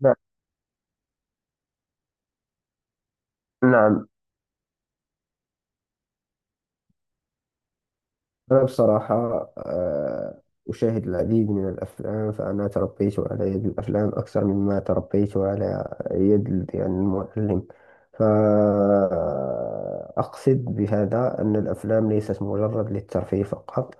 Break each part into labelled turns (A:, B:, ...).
A: نعم نعم. أنا بصراحة، آه، أشاهد العديد من الأفلام، فأنا تربيت على يد الأفلام أكثر مما تربيت على يد المعلم. فأقصد بهذا أن الأفلام ليست مجرد للترفيه فقط،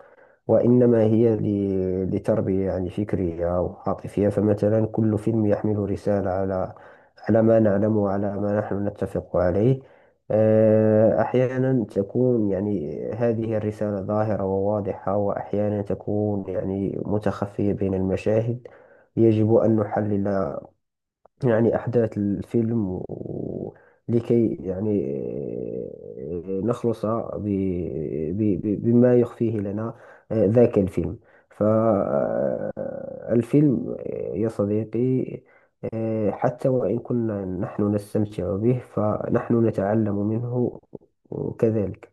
A: وإنما هي لتربية يعني فكرية أو عاطفية. فمثلا كل فيلم يحمل رسالة على ما نعلم وعلى ما نحن نتفق عليه. أحيانا تكون يعني هذه الرسالة ظاهرة وواضحة، وأحيانا تكون يعني متخفية بين المشاهد. يجب أن نحلل يعني أحداث الفيلم لكي يعني نخلص بما يخفيه لنا ذاك الفيلم. فالفيلم يا صديقي، حتى وإن كنا نحن نستمتع به فنحن نتعلم منه كذلك.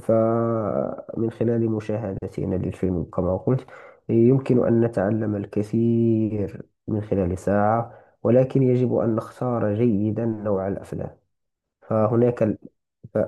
A: فمن خلال مشاهدتنا للفيلم كما قلت، يمكن أن نتعلم الكثير من خلال ساعة، ولكن يجب أن نختار جيدا نوع الأفلام. فهناك ال... ف...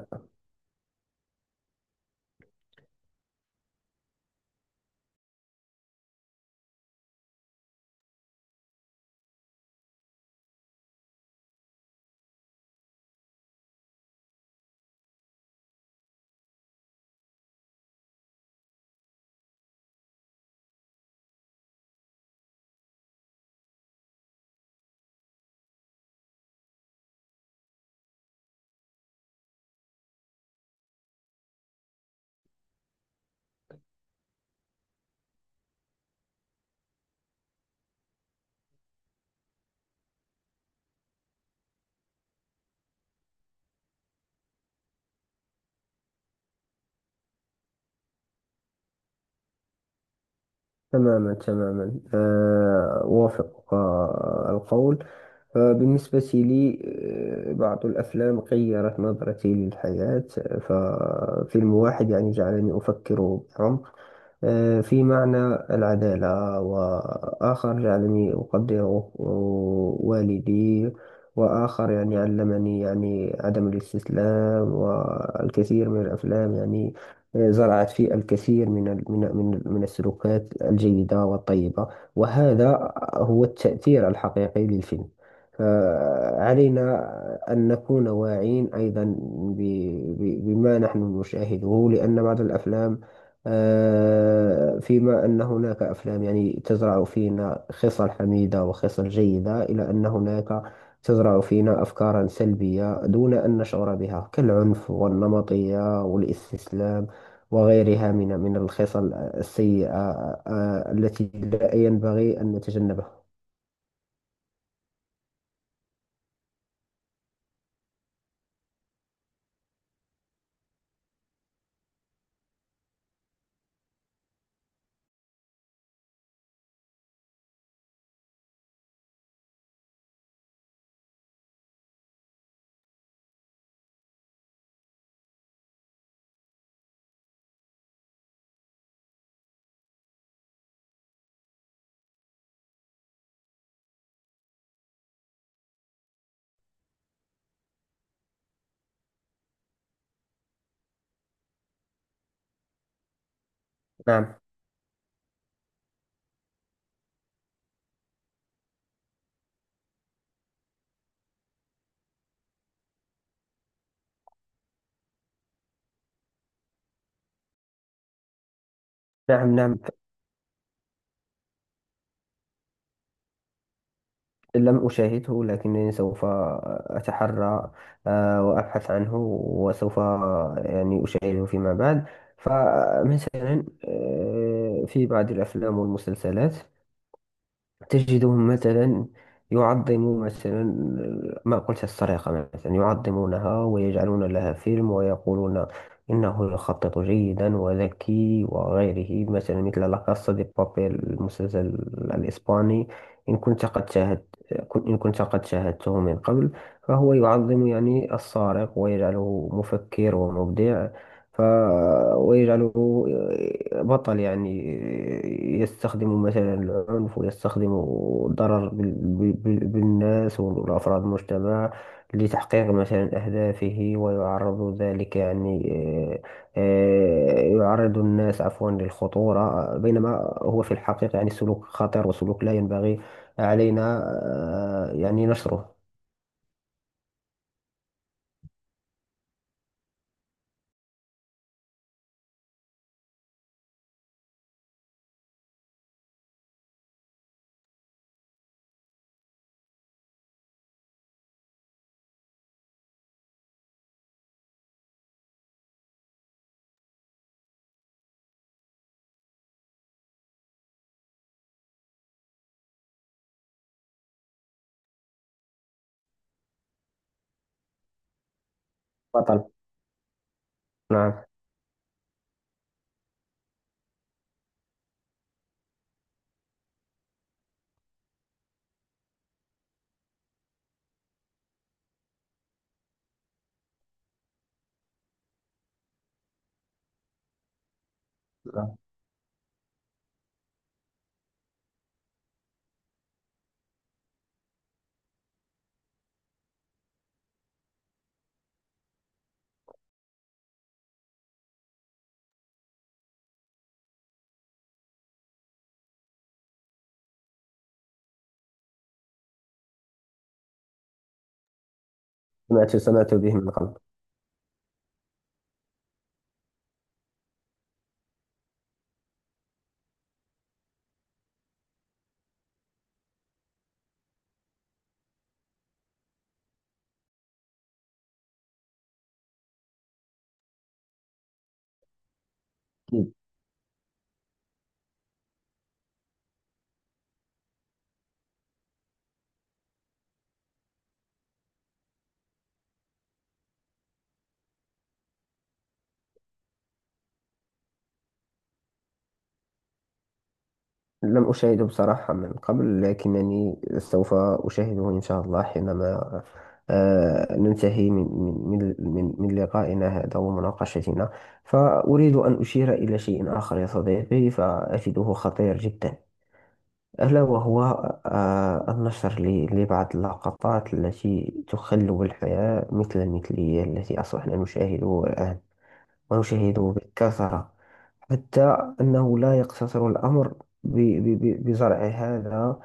A: تماما تماما، أوافقك القول. فبالنسبة لي، بعض الأفلام غيرت نظرتي للحياة. ففيلم واحد يعني جعلني أفكر بعمق في معنى العدالة، وآخر جعلني أقدر والدي، وآخر يعني علمني يعني عدم الاستسلام. والكثير من الأفلام يعني زرعت في الكثير من السلوكات الجيدة والطيبة، وهذا هو التأثير الحقيقي للفيلم. فعلينا أن نكون واعين أيضا بما نحن نشاهده، لأن بعض الأفلام، فيما أن هناك أفلام يعني تزرع فينا خصال حميدة وخصال جيدة، إلى أن هناك تزرع فينا أفكارا سلبية دون أن نشعر بها كالعنف والنمطية والاستسلام وغيرها من الخصال السيئة التي لا ينبغي أن نتجنبها. نعم نعم. لم أشاهده، لكنني سوف أتحرى وأبحث عنه، وسوف يعني أشاهده فيما بعد. فمثلا في بعض الأفلام والمسلسلات تجدهم مثلا يعظمون مثلا ما قلت، السرقة مثلا يعظمونها ويجعلون لها فيلم، ويقولون إنه يخطط جيدا وذكي وغيره، مثلا مثل لا كاسا دي بابيل، المسلسل الإسباني. إن كنت قد شاهدت إن كنت قد شاهدته من قبل، فهو يعظم يعني السارق ويجعله مفكر ومبدع، ف ويجعله بطل. يعني يستخدم مثلا العنف، ويستخدم الضرر بالناس والأفراد المجتمع لتحقيق مثلا أهدافه، ويعرض ذلك يعني يعرض الناس عفوا للخطورة، بينما هو في الحقيقة يعني سلوك خطير وسلوك لا ينبغي علينا يعني نشره. بطل، نعم. نعم. سمعت به من قبل. لم أشاهده بصراحة من قبل، لكنني سوف أشاهده إن شاء الله حينما ننتهي من لقائنا هذا ومناقشتنا. فأريد أن أشير إلى شيء آخر يا صديقي، فأجده خطير جدا، ألا وهو النشر لبعض اللقطات التي تخلو الحياة، مثل المثلية التي أصبحنا نشاهدها الآن ويشاهدوه بالكثرة، حتى أنه لا يقتصر الأمر بزرع هذا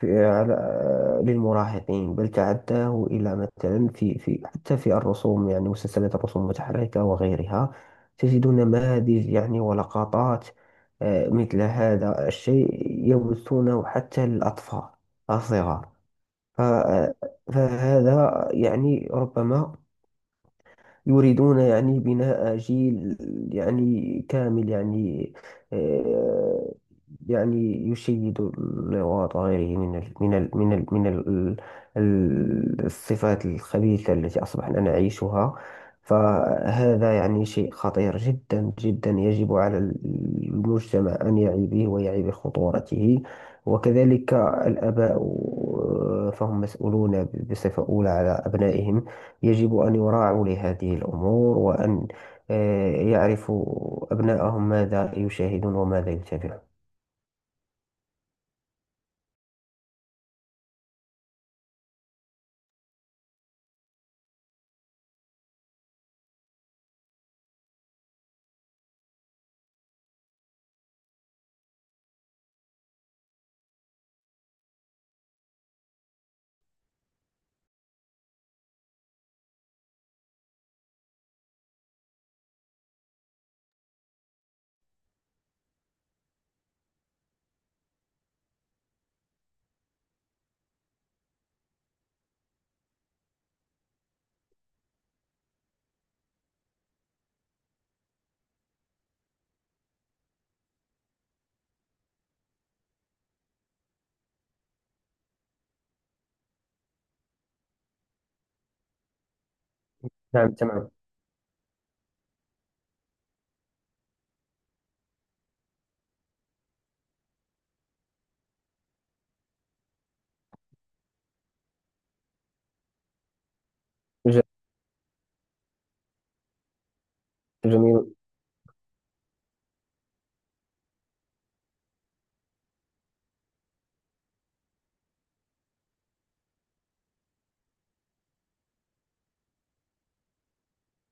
A: في على للمراهقين، بل تعداه إلى مثلا في حتى في الرسوم، يعني مسلسلات الرسوم المتحركة وغيرها، تجد نماذج يعني ولقطات مثل هذا الشيء يبثونه حتى للأطفال الصغار. ف- آه، فهذا يعني ربما يريدون يعني بناء جيل يعني كامل يعني آه، يعني يشيد الغاط غيره من ال من ال من ال من ال ال- الصفات الخبيثة التي أصبحنا نعيشها. فهذا يعني شيء خطير جدا جدا، يجب على المجتمع أن يعي به ويعي بخطورته، وكذلك الآباء، فهم مسؤولون بصفة أولى على أبنائهم، يجب أن يراعوا لهذه الأمور، وأن يعرفوا أبنائهم ماذا يشاهدون وماذا يتابعون. نعم تمام. ج- جميل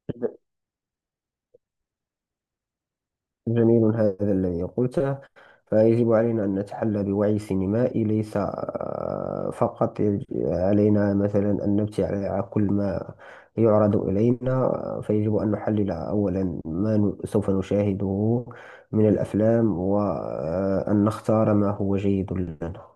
A: ج- جميل هذا الذي قلته. فيجب علينا أن نتحلى بوعي سينمائي، ليس فقط علينا مثلا أن نبتي على كل ما يعرض إلينا، فيجب أن نحلل أولا ما سوف نشاهده من الأفلام، وأن نختار ما هو جيد لنا.